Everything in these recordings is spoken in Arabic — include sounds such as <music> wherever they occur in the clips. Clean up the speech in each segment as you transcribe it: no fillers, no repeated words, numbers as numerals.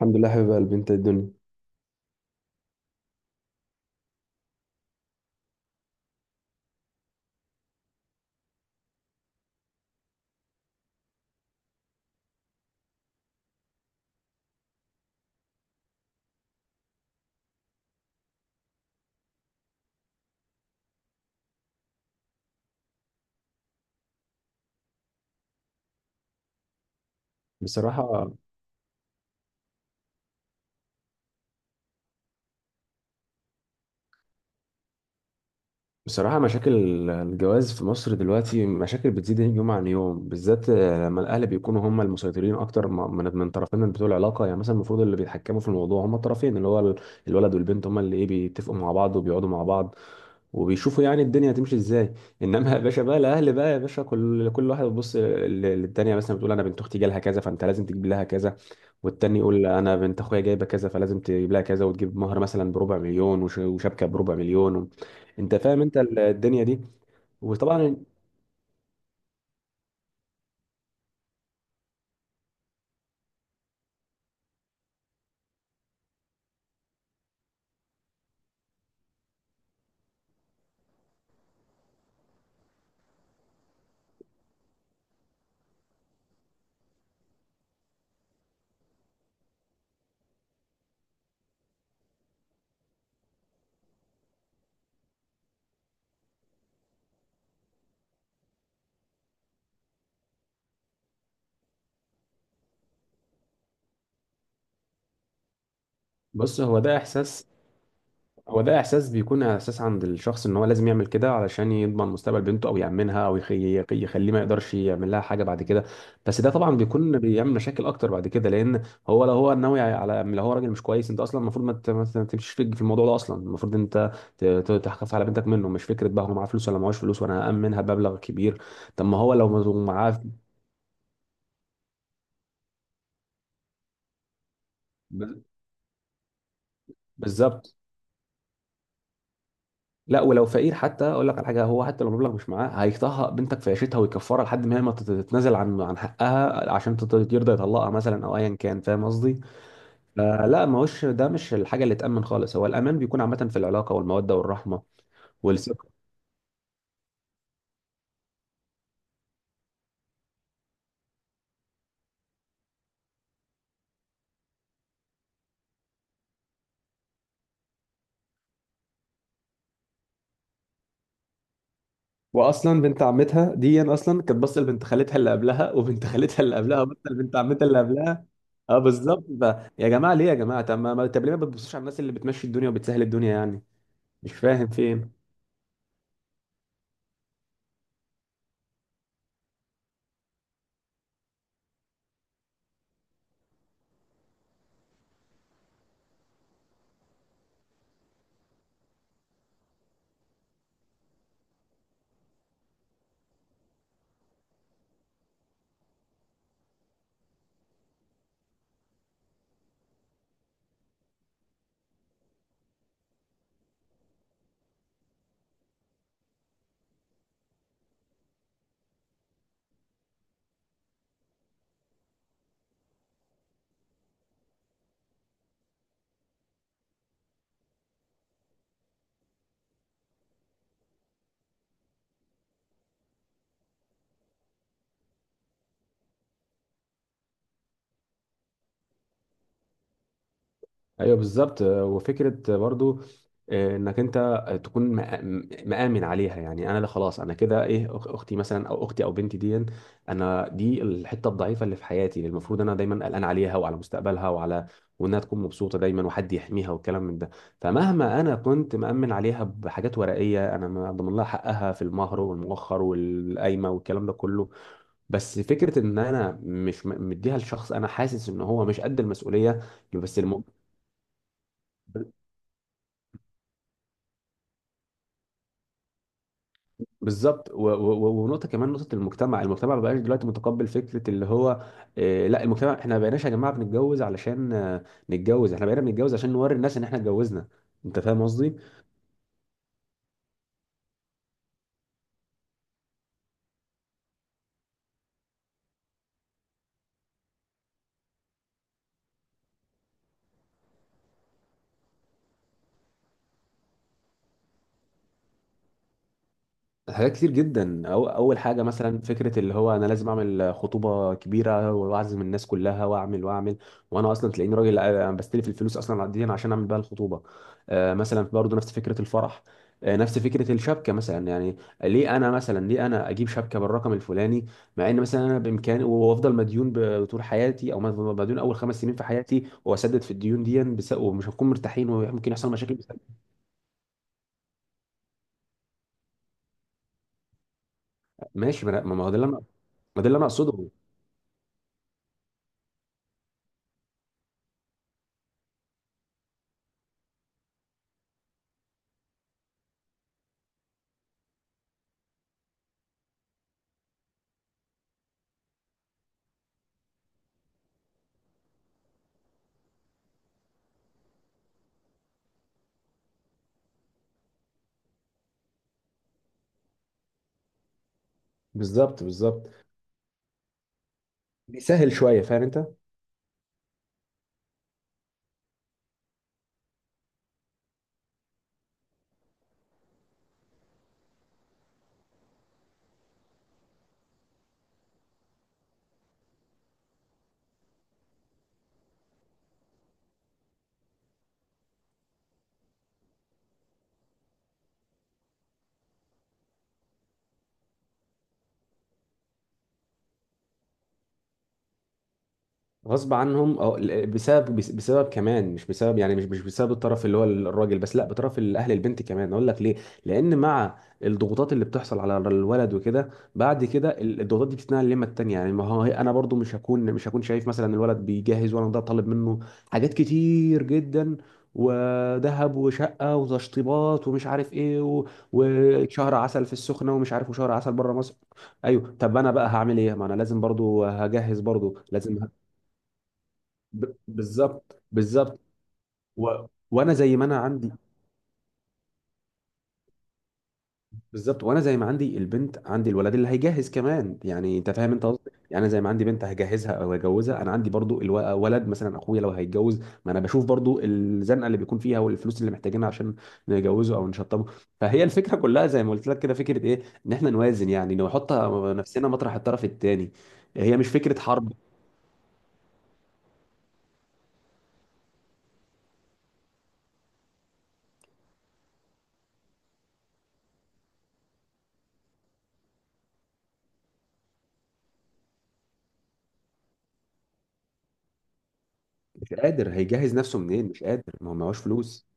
الحمد لله، حبيب قلبي، انت الدنيا. بصراحة بصراحة، مشاكل الجواز في مصر دلوقتي مشاكل بتزيد يوم عن يوم، بالذات لما الأهل بيكونوا هم المسيطرين أكتر من طرفين بتوع العلاقة. يعني مثلا المفروض اللي بيتحكموا في الموضوع هم الطرفين، اللي هو الولد والبنت. هم اللي إيه بيتفقوا مع بعض وبيقعدوا مع بعض وبيشوفوا يعني الدنيا هتمشي ازاي. <laughs> انما يا باشا بقى الاهل، بقى يا باشا كل واحد بيبص للتانيه. مثلا بتقول: انا بنت اختي جالها كذا، فانت لازم تجيب لها كذا. والتاني يقول: انا بنت اخويا جايبه كذا، فلازم تجيب لها كذا وتجيب مهر مثلا بربع مليون وشبكه بربع مليون انت فاهم انت الدنيا دي. وطبعا. بص، هو ده احساس، هو ده احساس، بيكون احساس عند الشخص ان هو لازم يعمل كده علشان يضمن مستقبل بنته او يامنها او يخليه ما يقدرش يعمل لها حاجه بعد كده. بس ده طبعا بيكون بيعمل مشاكل اكتر بعد كده، لان هو لو هو ناوي على، لو هو راجل مش كويس، انت اصلا المفروض ما تمشيش في الموضوع ده اصلا. المفروض انت تحافظ على بنتك منه، مش فكره بقى هو معاه فلوس ولا معهوش فلوس وانا هامنها بمبلغ كبير. طب ما هو لو معاه. ب- بالظبط. لا، ولو فقير حتى اقول لك على حاجه. هو حتى لو المبلغ مش معاه هيطهق بنتك في عيشتها ويكفرها لحد ما هي ما تت- تتنازل عن حقها عشان يرضى يطلقها مثلا او ايا كان. فاهم قصدي؟ فلا، ما هوش ده، مش الحاجه اللي تامن خالص. هو الامان بيكون عامه في العلاقه والموده والرحمه والثقه. واصلا بنت عمتها دي اصلا كانت باصه لبنت خالتها اللي قبلها، وبنت خالتها اللي قبلها وبنت لبنت عمتها اللي قبلها. اه، بالظبط. يا جماعه ليه؟ يا جماعه، طب ليه ما بتبصوش على الناس اللي بتمشي الدنيا وبتسهل الدنيا يعني؟ مش فاهم فين. ايوه، بالظبط. وفكره برضو، انك انت تكون مآمن عليها. يعني انا ده خلاص انا كده ايه اختي مثلا، او اختي او بنتي دي، انا دي الحته الضعيفه اللي في حياتي، اللي المفروض انا دايما قلقان عليها وعلى مستقبلها وعلى وانها تكون مبسوطه دايما وحد يحميها والكلام من ده. فمهما انا كنت مأمن عليها بحاجات ورقيه، انا ما ضمن لها حقها في المهر والمؤخر والقايمه والكلام ده كله. بس فكره ان انا مش مديها لشخص انا حاسس ان هو مش قد المسؤوليه. بس المؤمن بالظبط ونقطه كمان، نقطه المجتمع ما بقاش دلوقتي متقبل فكره اللي هو، لا. المجتمع احنا ما بقيناش يا جماعه بنتجوز علشان نتجوز، احنا بقينا بنتجوز عشان نوري الناس ان احنا اتجوزنا. انت فاهم قصدي. حاجات كتير جدا. أو اول حاجه مثلا فكره اللي هو انا لازم اعمل خطوبه كبيره واعزم الناس كلها واعمل واعمل، وانا اصلا تلاقيني راجل بستلف الفلوس اصلا دي عشان اعمل بيها الخطوبه. مثلا برضه نفس فكره الفرح، نفس فكره الشبكه مثلا. يعني ليه انا مثلا، ليه انا اجيب شبكه بالرقم الفلاني، مع ان مثلا انا بامكاني وافضل مديون طول حياتي، او مديون اول 5 سنين في حياتي واسدد في الديون دي، ومش هنكون مرتاحين وممكن يحصل مشاكل ماشي. ما هو ده اللي انا، ما ده اللي انا اقصده. بالظبط، بالظبط. بيسهل شويه، فاهم انت؟ غصب عنهم، او بسبب كمان. مش بسبب يعني، مش بسبب الطرف اللي هو الراجل بس، لا، بطرف الاهل البنت كمان. اقول لك ليه. لان مع الضغوطات اللي بتحصل على الولد وكده، بعد كده الضغوطات دي بتتنقل لما التانية. يعني ما هو انا برضو مش هكون شايف مثلا الولد بيجهز وانا ده طالب منه حاجات كتير جدا، وذهب وشقه وتشطيبات ومش عارف ايه، و- وشهر عسل في السخنه ومش عارف وشهر عسل بره مصر. ايوه، طب انا بقى هعمل ايه؟ ما انا لازم برضو هجهز برضو لازم. بالظبط، بالظبط. وانا زي ما انا عندي بالظبط. وانا زي ما عندي البنت عندي الولد اللي هيجهز كمان. يعني انت فاهم انت قصدي. يعني أنا زي ما عندي بنت هجهزها او هجوزها، انا عندي برضو ولد. مثلا اخويا لو هيتجوز، ما انا بشوف برضو الزنقه اللي بيكون فيها والفلوس اللي محتاجينها عشان نجوزه او نشطبه. فهي الفكره كلها زي ما قلت لك كده، فكره ايه ان احنا نوازن، يعني نحط نفسنا مطرح الطرف الثاني. هي مش فكره حرب. مش قادر هيجهز نفسه منين، مش قادر، ما هو معهوش فلوس.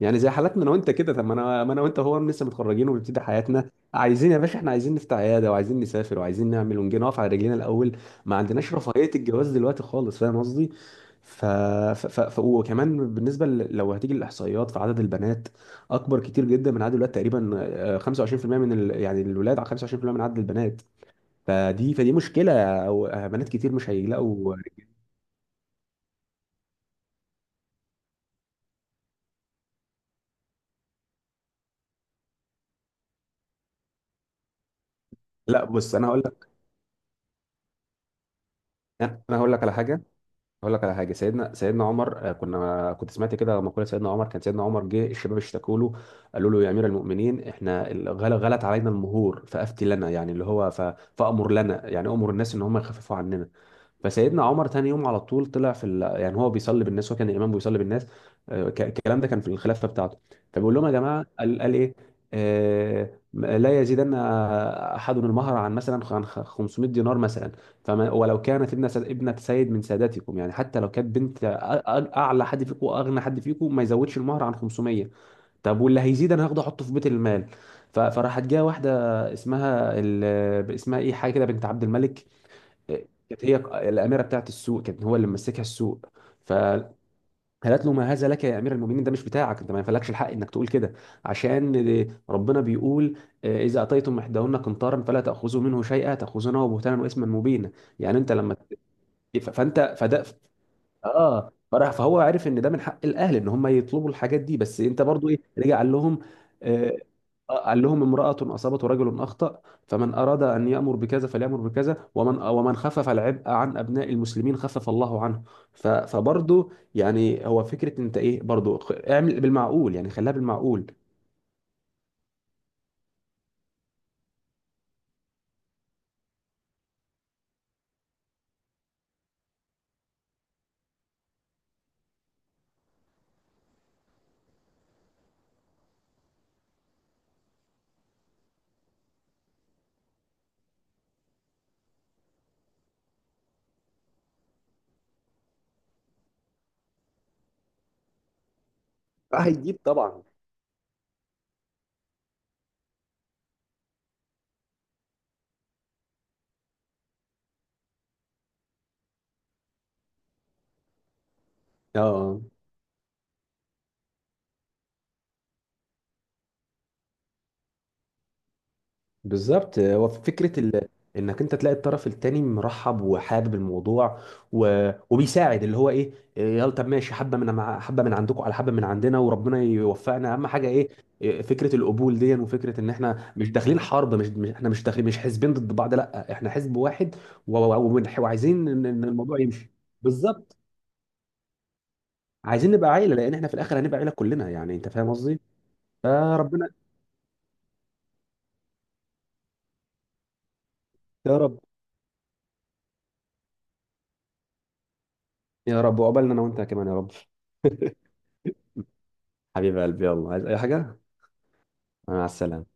يعني زي حالاتنا انا وانت كده. طب ما انا، ما انا وانت هو لسه متخرجين وبنبتدي حياتنا، عايزين يا باشا، احنا عايزين نفتح عياده وعايزين نسافر وعايزين نعمل ونجي نقف على رجلينا الاول. ما عندناش رفاهيه الجواز دلوقتي خالص. فاهم قصدي؟ وكمان بالنسبه لو هتيجي الاحصائيات، فعدد البنات اكبر كتير جدا من عدد الولاد تقريبا. 25% من يعني الولاد على 25% من عدد البنات. فدي مشكله. او بنات كتير مش هيلاقوا. لا، بص، انا هقول لك على حاجه، اقول لك على حاجه. سيدنا عمر، كنت سمعت كده مقوله سيدنا عمر. كان سيدنا عمر جه الشباب اشتكوا له، قالوا له: يا امير المؤمنين احنا غلت علينا المهور، فافتي لنا. يعني اللي هو فامر لنا، يعني امر الناس ان هم يخففوا عننا. فسيدنا عمر تاني يوم على طول طلع في يعني هو بيصلي بالناس، وكان الامام بيصلي بالناس. الكلام ده كان في الخلافه بتاعته. فبيقول لهم: يا جماعه. قال ايه؟ لا يزيدن احد المهر عن مثلا عن 500 دينار مثلا. فما ولو كانت ابنه سيد من ساداتكم، يعني حتى لو كانت بنت اعلى حد فيكم واغنى حد فيكم، ما يزودش المهر عن 500. طب واللي هيزيد انا هاخده احطه في بيت المال. فراحت جايه واحده اسمها اسمها ايه، حاجه كده، بنت عبد الملك. كانت هي الاميره بتاعت السوق، كانت هو اللي ممسكها السوق. فقالت له: ما هذا لك يا امير المؤمنين؟ ده مش بتاعك، انت ما ينفعلكش الحق انك تقول كده، عشان ربنا بيقول: اذا اتيتم احداهن قنطارا فلا تاخذوا منه شيئا، تاخذونه بهتانا واثما مبينا. يعني انت لما ف- فانت فده اه. فراح فهو عرف ان ده من حق الاهل ان هم يطلبوا الحاجات دي. بس انت برضو ايه، رجع قال لهم، آه قال لهم: امرأة أصابت ورجل أخطأ، فمن أراد أن يأمر بكذا فليأمر بكذا، ومن خفف العبء عن أبناء المسلمين خفف الله عنه. فبرضو يعني هو فكرة أنت إيه، برضو اعمل بالمعقول، يعني خليها بالمعقول. آه، هيجيب طبعا. اه، بالظبط. هو فكرة انك انت تلاقي الطرف التاني مرحب وحابب الموضوع، وبيساعد اللي هو ايه. يلا، طب ماشي، حبة من حبة من عندكم على حبة من عندنا، وربنا يوفقنا. اهم حاجة ايه؟ فكرة القبول دي، وفكرة ان احنا مش داخلين حرب. مش احنا مش داخلين، مش حزبين ضد بعض، لا احنا حزب واحد وعايزين ان إن الموضوع يمشي. بالظبط. عايزين نبقى عيلة، لان احنا في الاخر هنبقى عيلة كلنا. يعني انت فاهم قصدي؟ فربنا. يا رب. يا رب وقبلنا انا وانت كمان يا رب. حبيب قلبي، يلا، عايز اي حاجة؟ مع السلامة.